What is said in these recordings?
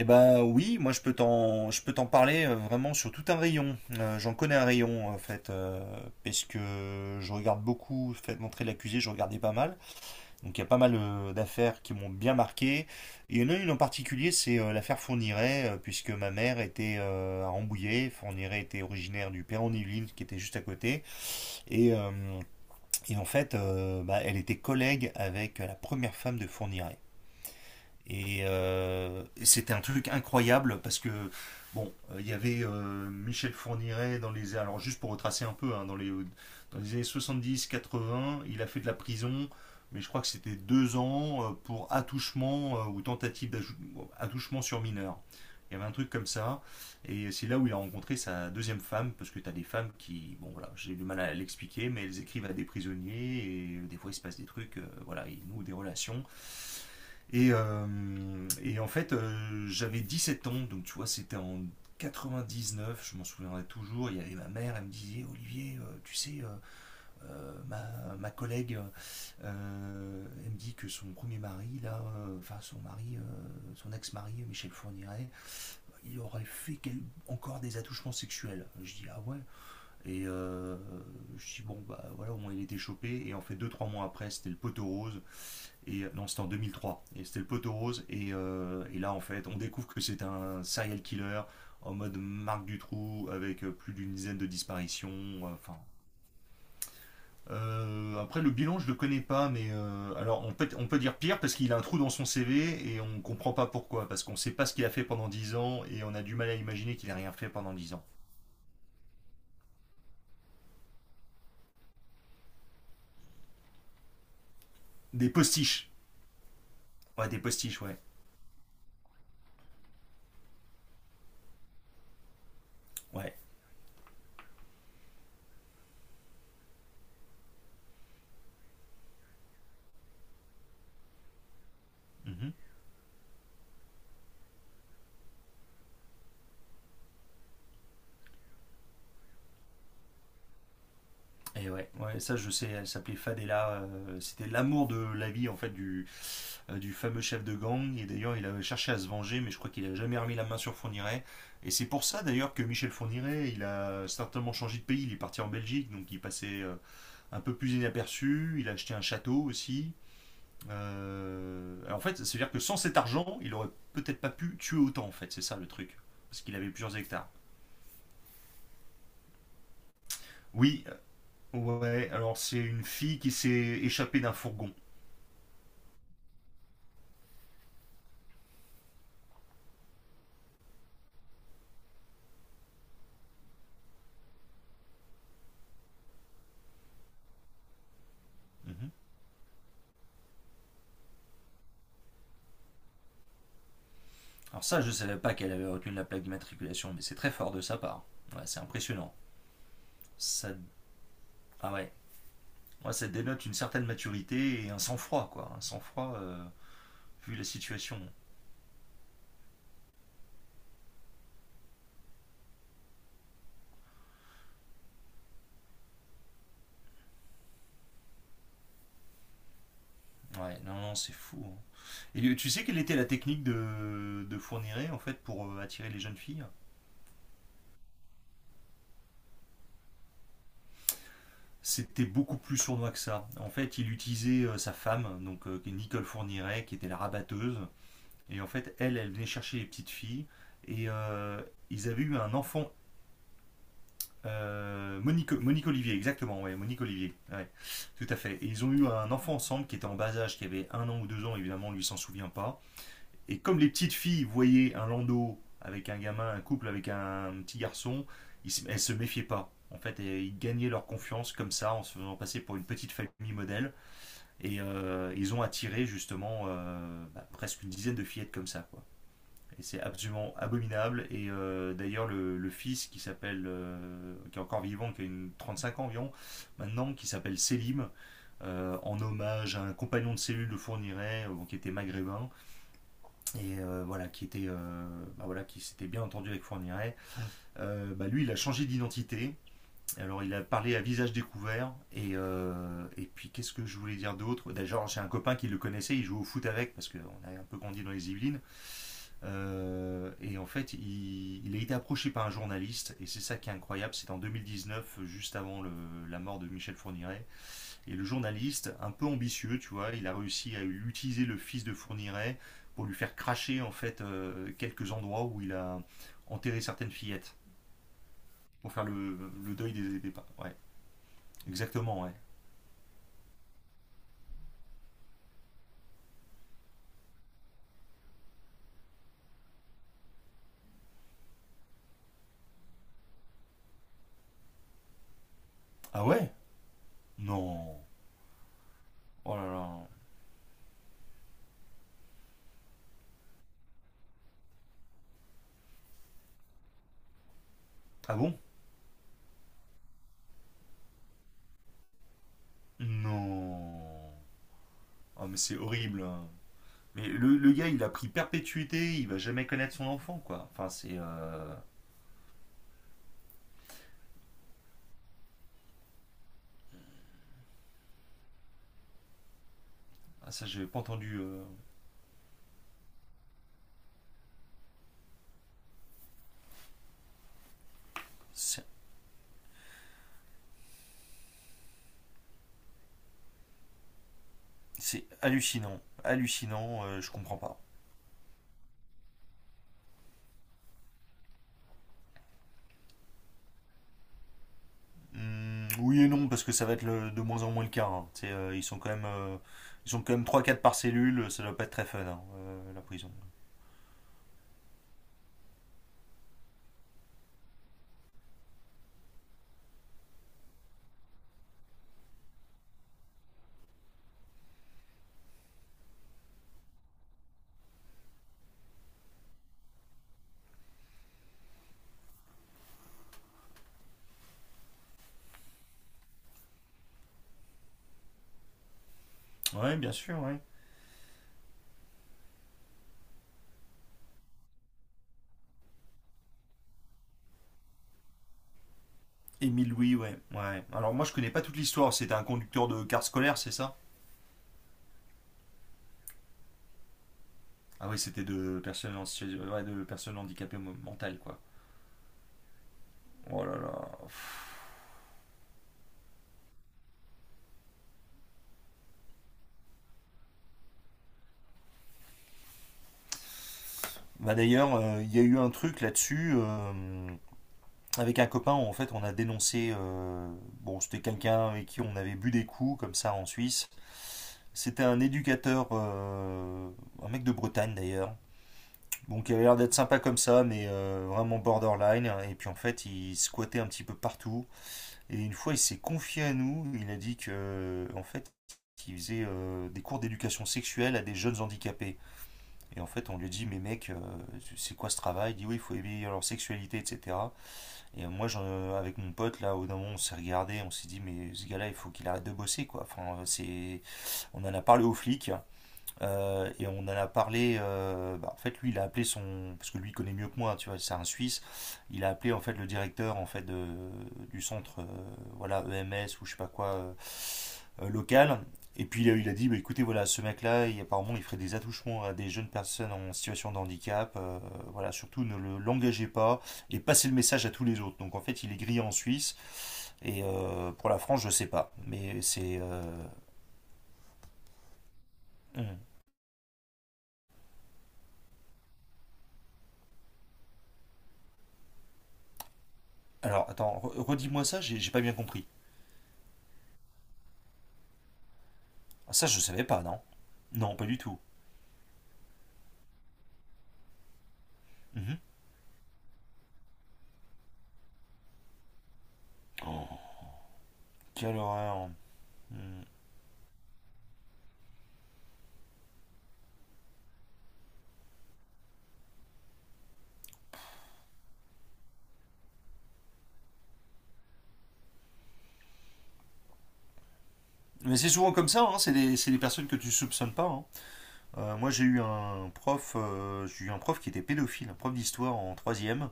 Eh ben oui, moi je peux t'en parler vraiment sur tout un rayon. J'en connais un rayon en fait, parce que je regarde beaucoup, fait montrer l'accusé, je regardais pas mal. Donc il y a pas mal d'affaires qui m'ont bien marqué. Et il y en a une en particulier, c'est l'affaire Fourniret, puisque ma mère était à Rambouillet, Fourniret était originaire du Perron-Yvelines, qui était juste à côté. Et, euh, et en fait, bah, elle était collègue avec la première femme de Fourniret. Et c'était un truc incroyable parce que, bon, il y avait Michel Fourniret dans les. Alors, juste pour retracer un peu, hein, dans les années 70-80, il a fait de la prison, mais je crois que c'était 2 ans pour attouchement ou tentative d'attouchement sur mineur. Il y avait un truc comme ça. Et c'est là où il a rencontré sa deuxième femme, parce que tu as des femmes qui, bon voilà, j'ai du mal à l'expliquer, mais elles écrivent à des prisonniers, et des fois il se passe des trucs, voilà, ils nouent des relations. Et en fait, j'avais 17 ans, donc tu vois, c'était en 99, je m'en souviendrai toujours. Il y avait ma mère, elle me disait Olivier, tu sais, ma collègue, elle me dit que son premier mari, là, enfin son mari, son ex-mari, Michel Fourniret, il aurait fait encore des attouchements sexuels. Je dis « Ah ouais ». Et je dis « Bon, bah voilà, au moins il était chopé ». Et en fait, deux, trois mois après, c'était le poteau rose. Et non, c'était en 2003. Et c'était le poteau rose. Et là, en fait, on découvre que c'est un serial killer en mode Marc Dutroux avec plus d'une dizaine de disparitions. Enfin. Après, le bilan, je le connais pas, mais alors on peut dire pire parce qu'il a un trou dans son CV et on comprend pas pourquoi. Parce qu'on sait pas ce qu'il a fait pendant 10 ans et on a du mal à imaginer qu'il a rien fait pendant 10 ans. Des postiches. Ouais, des postiches, ouais. Ouais. Mhm. Et ouais. Ouais, ça je sais, elle s'appelait Fadela. C'était l'amour de la vie en fait du fameux chef de gang. Et d'ailleurs, il avait cherché à se venger, mais je crois qu'il a jamais remis la main sur Fourniret. Et c'est pour ça d'ailleurs que Michel Fourniret, il a certainement changé de pays. Il est parti en Belgique, donc il passait un peu plus inaperçu. Il a acheté un château aussi. Alors, en fait, c'est-à-dire que sans cet argent, il aurait peut-être pas pu tuer autant. En fait, c'est ça le truc, parce qu'il avait plusieurs hectares. Oui, ouais. Alors c'est une fille qui s'est échappée d'un fourgon. Mhm. Alors ça, je ne savais pas qu'elle avait retenu la plaque d'immatriculation, mais c'est très fort de sa part. Ouais, c'est impressionnant. Ça, ah ouais, ouais, ça dénote une certaine maturité et un sang-froid, quoi. Un sang-froid, vu la situation. Ouais, non, non, c'est fou, hein. Et tu sais quelle était la technique de Fourniret, en fait, pour attirer les jeunes filles? C'était beaucoup plus sournois que ça. En fait, il utilisait sa femme, donc qui est Nicole Fourniret, qui était la rabatteuse. Et en fait, elle, elle venait chercher les petites filles. Et ils avaient eu un enfant. Monique Olivier, exactement, ouais, Monique Olivier, ouais, tout à fait. Et ils ont eu un enfant ensemble qui était en bas âge, qui avait un an ou deux ans, évidemment, lui s'en souvient pas. Et comme les petites filles voyaient un landau avec un gamin, un couple avec un petit garçon, ils elles se méfiaient pas. En fait, et ils gagnaient leur confiance comme ça, en se faisant passer pour une petite famille modèle. Et ils ont attiré justement bah, presque une dizaine de fillettes comme ça, quoi. Et c'est absolument abominable. Et d'ailleurs, le fils qui s'appelle, qui est encore vivant, qui a une 35 ans environ, maintenant, qui s'appelle Selim, en hommage à un compagnon de cellule de Fourniret, qui était maghrébin, et voilà, qui était, bah voilà, qui s'était bien entendu avec Fourniret. Bah lui, il a changé d'identité. Alors, il a parlé à visage découvert. Et puis, qu'est-ce que je voulais dire d'autre? D'ailleurs, j'ai un copain qui le connaissait, il jouait au foot avec, parce qu'on a un peu grandi dans les Yvelines. Et en fait, il a été approché par un journaliste, et c'est ça qui est incroyable, c'est en 2019, juste avant la mort de Michel Fourniret. Et le journaliste, un peu ambitieux, tu vois, il a réussi à utiliser le fils de Fourniret pour lui faire cracher, en fait, quelques endroits où il a enterré certaines fillettes, pour faire le deuil des pas. Ouais, exactement, ouais. Ah ouais. Non. Oh là là. Ah bon. Non. Oh mais c'est horrible, hein. Mais le gars, il a pris perpétuité, il va jamais connaître son enfant, quoi. Enfin, c'est. Ah, ça, j'avais pas entendu. C'est c'est hallucinant. Hallucinant, je comprends pas. Oui et non, parce que ça va être de moins en moins le cas, hein. Tu ils sont quand même. Ils sont quand même trois quatre par cellule, ça doit pas être très fun, hein, la prison. Ouais, bien sûr, ouais. Émile Louis, ouais, ouais. Alors moi, je connais pas toute l'histoire. C'était un conducteur de car scolaire, c'est ça? Ah oui, c'était de personnes, ouais, de personnes handicapées mentales, quoi. Oh là là. Bah d'ailleurs, il y a eu un truc là-dessus. Avec un copain, en fait, on a dénoncé. Bon, c'était quelqu'un avec qui on avait bu des coups, comme ça, en Suisse. C'était un éducateur, un mec de Bretagne d'ailleurs. Donc, il avait l'air d'être sympa comme ça, mais vraiment borderline. Et puis en fait, il squattait un petit peu partout. Et une fois, il s'est confié à nous. Il a dit que, en fait, qu'il faisait des cours d'éducation sexuelle à des jeunes handicapés. Et en fait, on lui dit, mais mec, c'est quoi ce travail? Il dit, oui, il faut éveiller leur sexualité, etc. Et moi, avec mon pote, là, au d'un moment, on s'est regardé, on s'est dit, mais ce gars-là, il faut qu'il arrête de bosser, quoi. Enfin, c'est. On en a parlé aux flics, et on en a parlé. Bah, en fait, lui, il a appelé son, parce que lui il connaît mieux que moi, tu vois, c'est un Suisse. Il a appelé en fait le directeur en fait du centre, voilà, EMS ou je sais pas quoi local. Et puis il a dit, bah, écoutez, voilà, ce mec-là, apparemment, il ferait des attouchements à des jeunes personnes en situation de handicap. Voilà, surtout ne l'engagez pas et passez le message à tous les autres. Donc en fait, il est grillé en Suisse et pour la France, je sais pas, mais c'est. Hum. Alors attends, redis-moi ça, j'ai pas bien compris. Ah, ça, je savais pas, non. Non, pas du tout. Mhm. Oh, quelle horreur. Hmm. Mais c'est souvent comme ça, hein, c'est des personnes que tu soupçonnes pas, hein. Moi, j'ai eu un prof qui était pédophile, un prof d'histoire en troisième.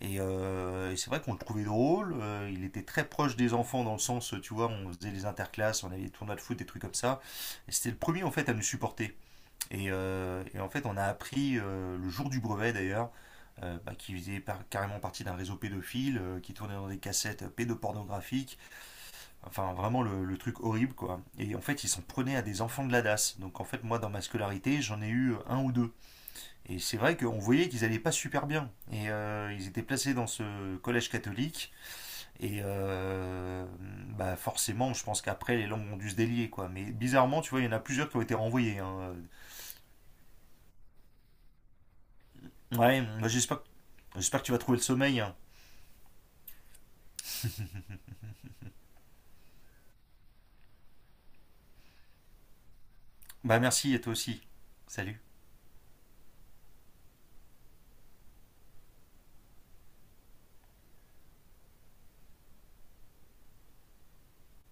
Et c'est vrai qu'on le trouvait drôle. Il était très proche des enfants dans le sens, tu vois, on faisait les interclasses, on avait des tournois de foot, des trucs comme ça. Et c'était le premier en fait à nous supporter. Et en fait, on a appris le jour du brevet d'ailleurs, bah, qui faisait carrément partie d'un réseau pédophile, qui tournait dans des cassettes pédopornographiques, enfin vraiment le truc horrible quoi. Et en fait, ils s'en prenaient à des enfants de la DAS. Donc en fait, moi dans ma scolarité, j'en ai eu un ou deux. Et c'est vrai qu'on voyait qu'ils allaient pas super bien. Et ils étaient placés dans ce collège catholique. Et bah forcément, je pense qu'après, les langues ont dû se délier quoi. Mais bizarrement, tu vois, il y en a plusieurs qui ont été renvoyés, hein. Ouais, moi, j'espère. J'espère que tu vas trouver le sommeil. Bah merci et toi aussi. Salut.